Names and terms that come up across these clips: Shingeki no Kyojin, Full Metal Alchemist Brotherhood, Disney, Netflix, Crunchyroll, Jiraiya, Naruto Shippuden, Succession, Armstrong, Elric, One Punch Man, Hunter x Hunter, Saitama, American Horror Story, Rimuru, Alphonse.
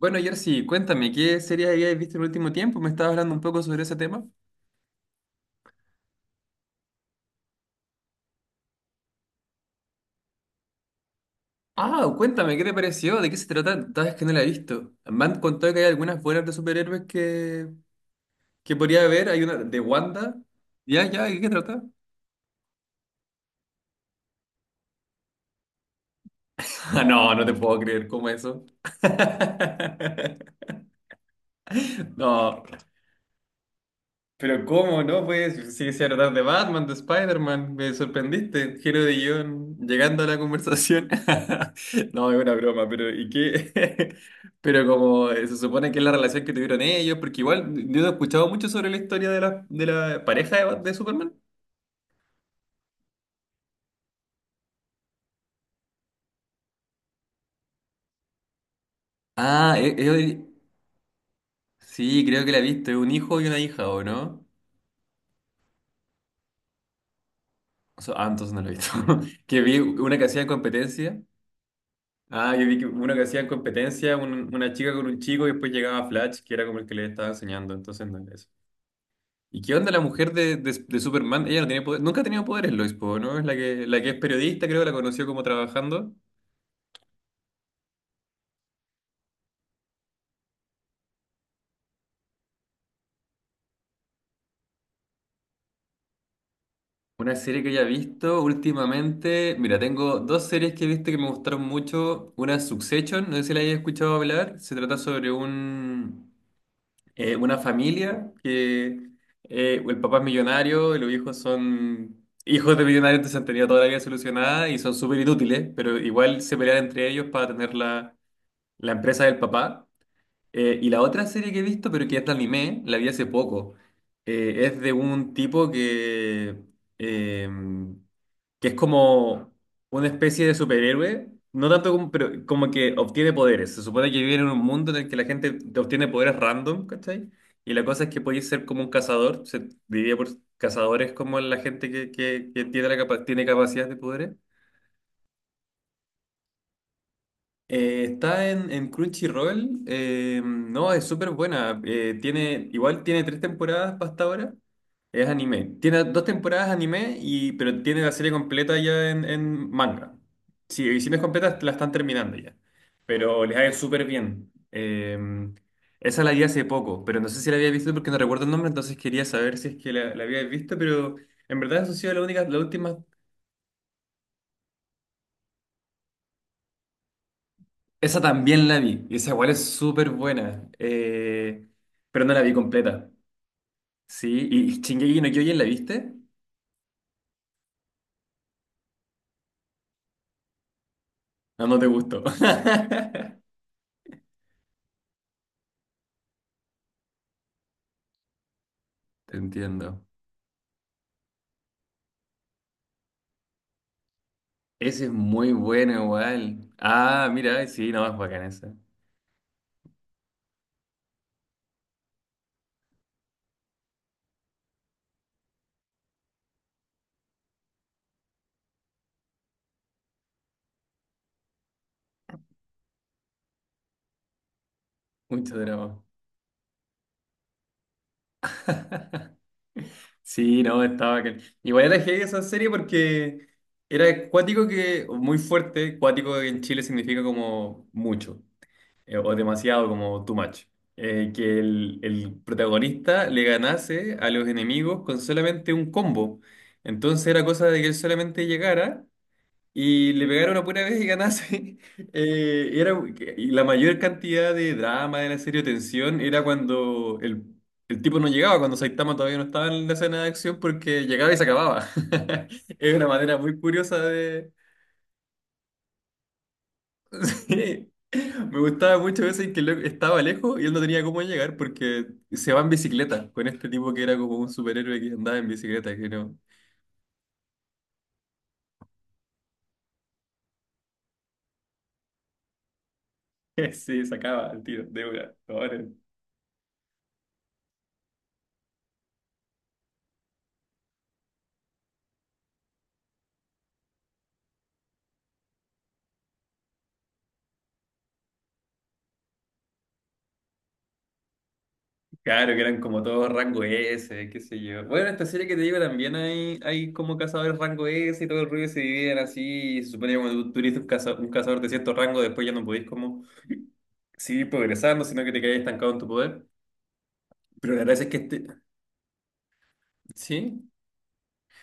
Bueno, Jersey, cuéntame, ¿qué series habías visto en el último tiempo? ¿Me estabas hablando un poco sobre ese tema? Ah, cuéntame, ¿qué te pareció? ¿De qué se trata? Sabes que no la he visto. Me han contado que hay algunas buenas de superhéroes que podría haber. Hay una de Wanda. ¿Ya, ya? ¿De qué trata? No, no te puedo creer, ¿cómo eso? No. Pero ¿cómo, no? Pues si se tratar de Batman, de Spider-Man, me sorprendiste. Giro de guión, llegando a la conversación. No, es una broma, pero ¿y qué? Pero como se supone que es la relación que tuvieron ellos, porque igual yo no he escuchado mucho sobre la historia de la pareja de Superman. Ah, sí, creo que la he visto, es un hijo y una hija, ¿o no? O sea, entonces no lo he visto. Que vi una que hacía competencia. Ah, yo vi que uno que hacía en competencia, una chica con un chico y después llegaba Flash, que era como el que le estaba enseñando, entonces no era eso. ¿Y qué onda la mujer de, de Superman? Ella no tiene poder, nunca ha tenido poderes, Lois Poe, ¿no? Es la que es periodista, creo que la conoció como trabajando. Una serie que haya visto últimamente, mira, tengo dos series que he visto que me gustaron mucho. Una es Succession, no sé si la hayas escuchado hablar, se trata sobre una familia que el papá es millonario y los hijos son hijos de millonarios, entonces han tenido toda la vida solucionada y son súper inútiles, pero igual se pelean entre ellos para tener la empresa del papá. Y la otra serie que he visto, pero que es de anime, la vi hace poco. Es de un tipo eh, que es como una especie de superhéroe, no tanto como, pero como que obtiene poderes. Se supone que vive en un mundo en el que la gente te obtiene poderes random, ¿cachai? Y la cosa es que puedes ser como un cazador, se diría por cazadores como la gente que tiene, tiene capacidad de poderes. Está en Crunchyroll. No, es súper buena. Tiene, igual tiene tres temporadas pa' hasta ahora. Es anime. Tiene dos temporadas anime, y, pero tiene la serie completa ya en manga. Si, si no es completa, la están terminando ya. Pero les ha ido súper bien. Esa la vi hace poco, pero no sé si la había visto porque no recuerdo el nombre, entonces quería saber si es que la había visto, pero en verdad eso ha sido la única, la última. Esa también la vi, y esa igual es súper buena, pero no la vi completa, ¿sí? ¿Y Shingeki no Kyojin la viste? Ah, no te gustó. Te entiendo. Ese es muy bueno igual. Ah, mira, sí, no, es bacán esa. Mucho drama. Sí, no, estaba bacán. Igual era heavy esa serie porque era cuático que, muy fuerte, cuático en Chile significa como mucho. O demasiado como too much. Que el protagonista le ganase a los enemigos con solamente un combo. Entonces era cosa de que él solamente llegara y le pegara una pura vez y ganase. Eh, era, y la mayor cantidad de drama de la serie, o tensión, era cuando el tipo no llegaba, cuando Saitama todavía no estaba en la escena de acción porque llegaba y se acababa. Es una manera muy curiosa. Sí. Me gustaba mucho veces que el loco estaba lejos y él no tenía cómo llegar porque se va en bicicleta con este tipo que era como un superhéroe que andaba en bicicleta, que no. Sí, sacaba el tiro de una. Ahora, claro, que eran como todos rango S, qué sé yo. Bueno, esta serie que te digo también hay como cazadores rango S y todo el ruido se dividen así. Y se supone que cuando tú eres un cazador de cierto rango, después ya no podés como seguir progresando, sino que te quedás estancado en tu poder. Pero la gracia es que este. ¿Sí?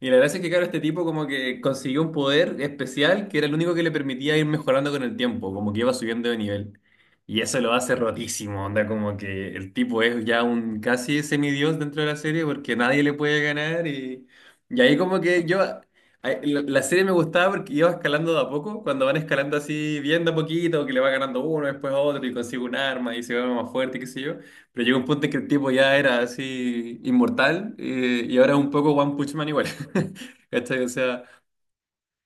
Y la gracia es que, claro, este tipo como que consiguió un poder especial que era el único que le permitía ir mejorando con el tiempo, como que iba subiendo de nivel. Y eso lo hace rotísimo, onda, como que el tipo es ya un casi semidios dentro de la serie porque nadie le puede ganar. Y ahí como que yo, la serie me gustaba porque iba escalando de a poco, cuando van escalando así bien de a poquito, que le va ganando uno, después otro y consigue un arma y se vuelve más fuerte, qué sé yo. Pero llegó un punto en que el tipo ya era así inmortal y ahora es un poco One Punch Man igual. ¿Cachai? O sea,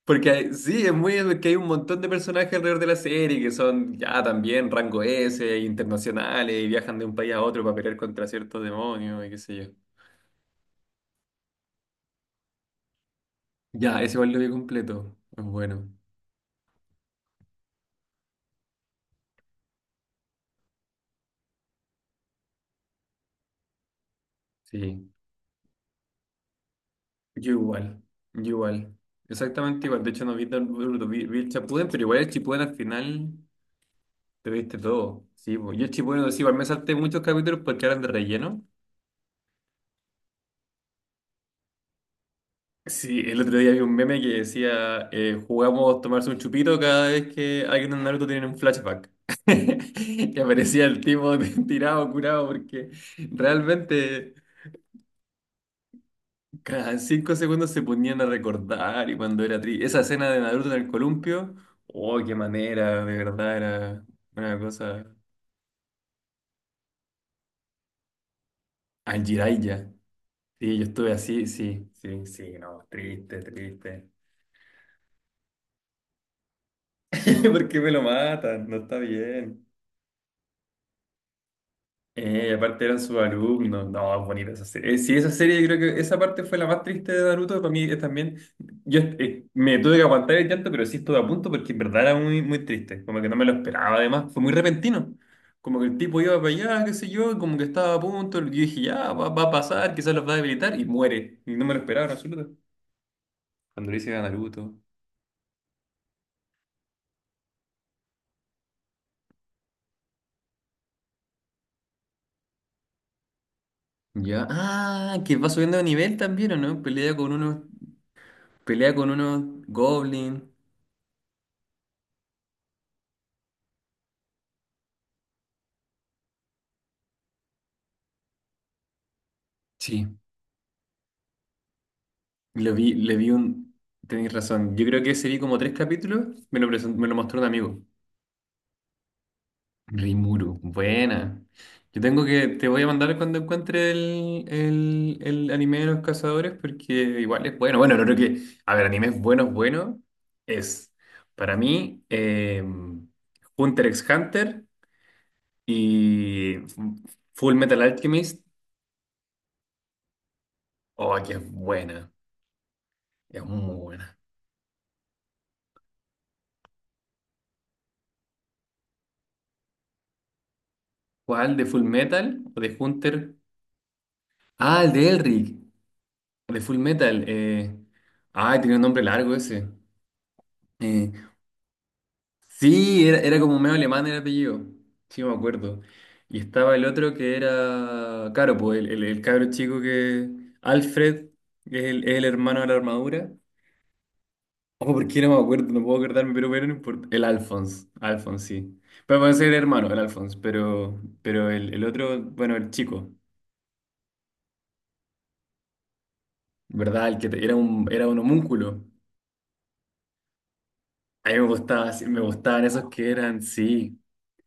porque sí, es muy que hay un montón de personajes alrededor de la serie que son ya también rango S, internacionales y viajan de un país a otro para pelear contra ciertos demonios y qué sé yo. Ya, ese igual lo vi completo. Es bueno. Sí. Yo igual. Yo igual. Exactamente igual. De hecho, no vi tan Naruto, vi el Shippuden, pero igual el Shippuden al final. Te viste todo. Sí, pues. Yo estoy bueno, sí, igual me salté muchos capítulos porque eran de relleno. Sí, el otro día vi un meme que decía, jugamos tomarse un chupito cada vez que alguien en Naruto tiene un flashback. Que aparecía el tipo tirado, curado, porque realmente cada 5 segundos se ponían a recordar y cuando era triste. Esa escena de Naruto en el columpio, oh, qué manera, de verdad, era una cosa. Al Jiraiya. Sí, yo estuve así, sí, sí, sí, no, triste, triste. ¿Por qué me lo matan? No está bien. Y aparte eran sus alumnos. No, es bonita esa serie. Sí, esa serie, yo creo que esa parte fue la más triste de Naruto. Para mí es también. Yo me tuve que aguantar el llanto, pero sí estuve a punto porque en verdad era muy, muy triste. Como que no me lo esperaba, además. Fue muy repentino. Como que el tipo iba para allá, qué sé yo, y como que estaba a punto. Yo dije, ya, va a pasar, quizás los va a debilitar, y muere. Y no me lo esperaba en absoluto. Cuando le hice a Naruto. Ya. Ah, que va subiendo de nivel también, ¿o no? Pelea con unos goblins. Sí, lo vi, le vi un. Tenéis razón. Yo creo que ese vi como tres capítulos. Me lo mostró un amigo. Rimuru. Buena. Te voy a mandar cuando encuentre el anime de los cazadores porque igual es bueno. Bueno, lo creo que. A ver, animes buenos, buenos. Es, para mí, Hunter x Hunter y Full Metal Alchemist. Oh, que es buena. Es muy buena. ¿Cuál? ¿De Full Metal o de Hunter? Ah, el de Elric. De Full Metal. Ah, tenía un nombre largo ese. Eh, Sí, era como medio alemán el apellido. Sí, me acuerdo. Y estaba el otro que era. Claro, pues el cabro chico que. Alfred, que es el hermano de la armadura. Oh, ¿por qué no me acuerdo? No puedo acordarme, pero bueno, no importa. El Alphonse. Alphonse, sí. Pero puede ser el hermano, el Alphonse. Pero el otro, bueno, el chico. ¿Verdad? El que era un homúnculo. A mí me gustaba, sí, me gustaban esos que eran, sí.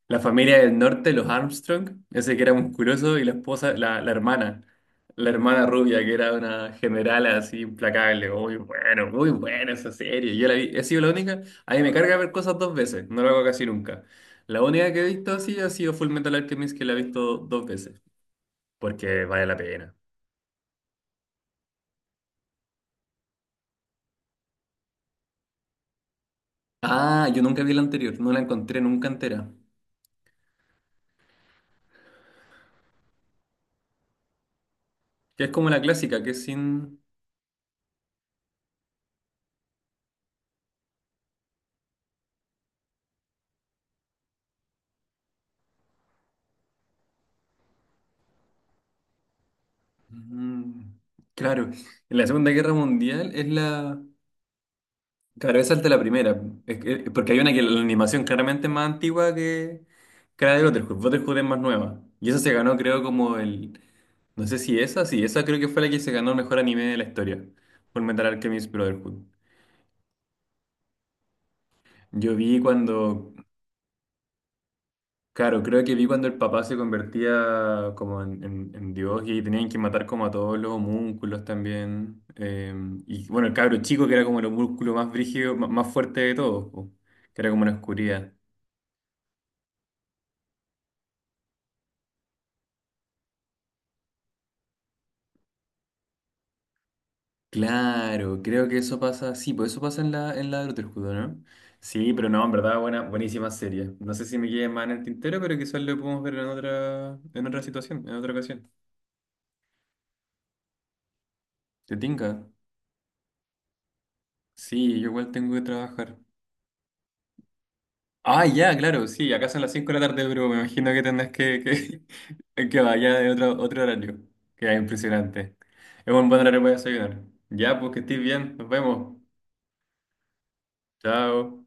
La familia del norte, los Armstrong, ese que era musculoso, y la esposa, la hermana, la hermana rubia, que era una general así implacable. Muy bueno, muy buena esa serie. Yo la vi, he sido la única. A mí me carga ver cosas dos veces, no lo hago casi nunca. La única que he visto así ha sido Full Metal Alchemist, que la he visto dos veces, porque vale la pena. Ah, yo nunca vi la anterior, no la encontré nunca entera. Que es como la clásica, que es sin, Mm, claro, en la Segunda Guerra Mundial es la. Claro, esa es de la primera, es porque hay una que la animación claramente es más antigua que la de Brotherhood, Brotherhood es más nueva, y esa se ganó creo como el. No sé si esa, sí, esa creo que fue la que se ganó el mejor anime de la historia, por Metal Alchemist Brotherhood. Yo vi cuando Claro, creo que vi cuando el papá se convertía como en Dios y tenían que matar como a todos los homúnculos también. Y bueno, el cabro chico que era como el homúnculo más brígido, más fuerte de todos, po, que era como una oscuridad. Claro, creo que eso pasa, sí, pues eso pasa en la, de Brotherhood, ¿no? Sí, pero no, en verdad, buena, buenísima serie. No sé si me quede más en el tintero, pero quizás lo podemos ver en otra, en otra ocasión. ¿Te tinca? Sí, yo igual tengo que trabajar. Ah, ya, claro, sí, acá son las 5 de la tarde, pero me imagino que tendrás que vaya de otro horario, que es impresionante. Es un buen horario para desayunar. Ya, pues que estés bien, nos vemos. Chao.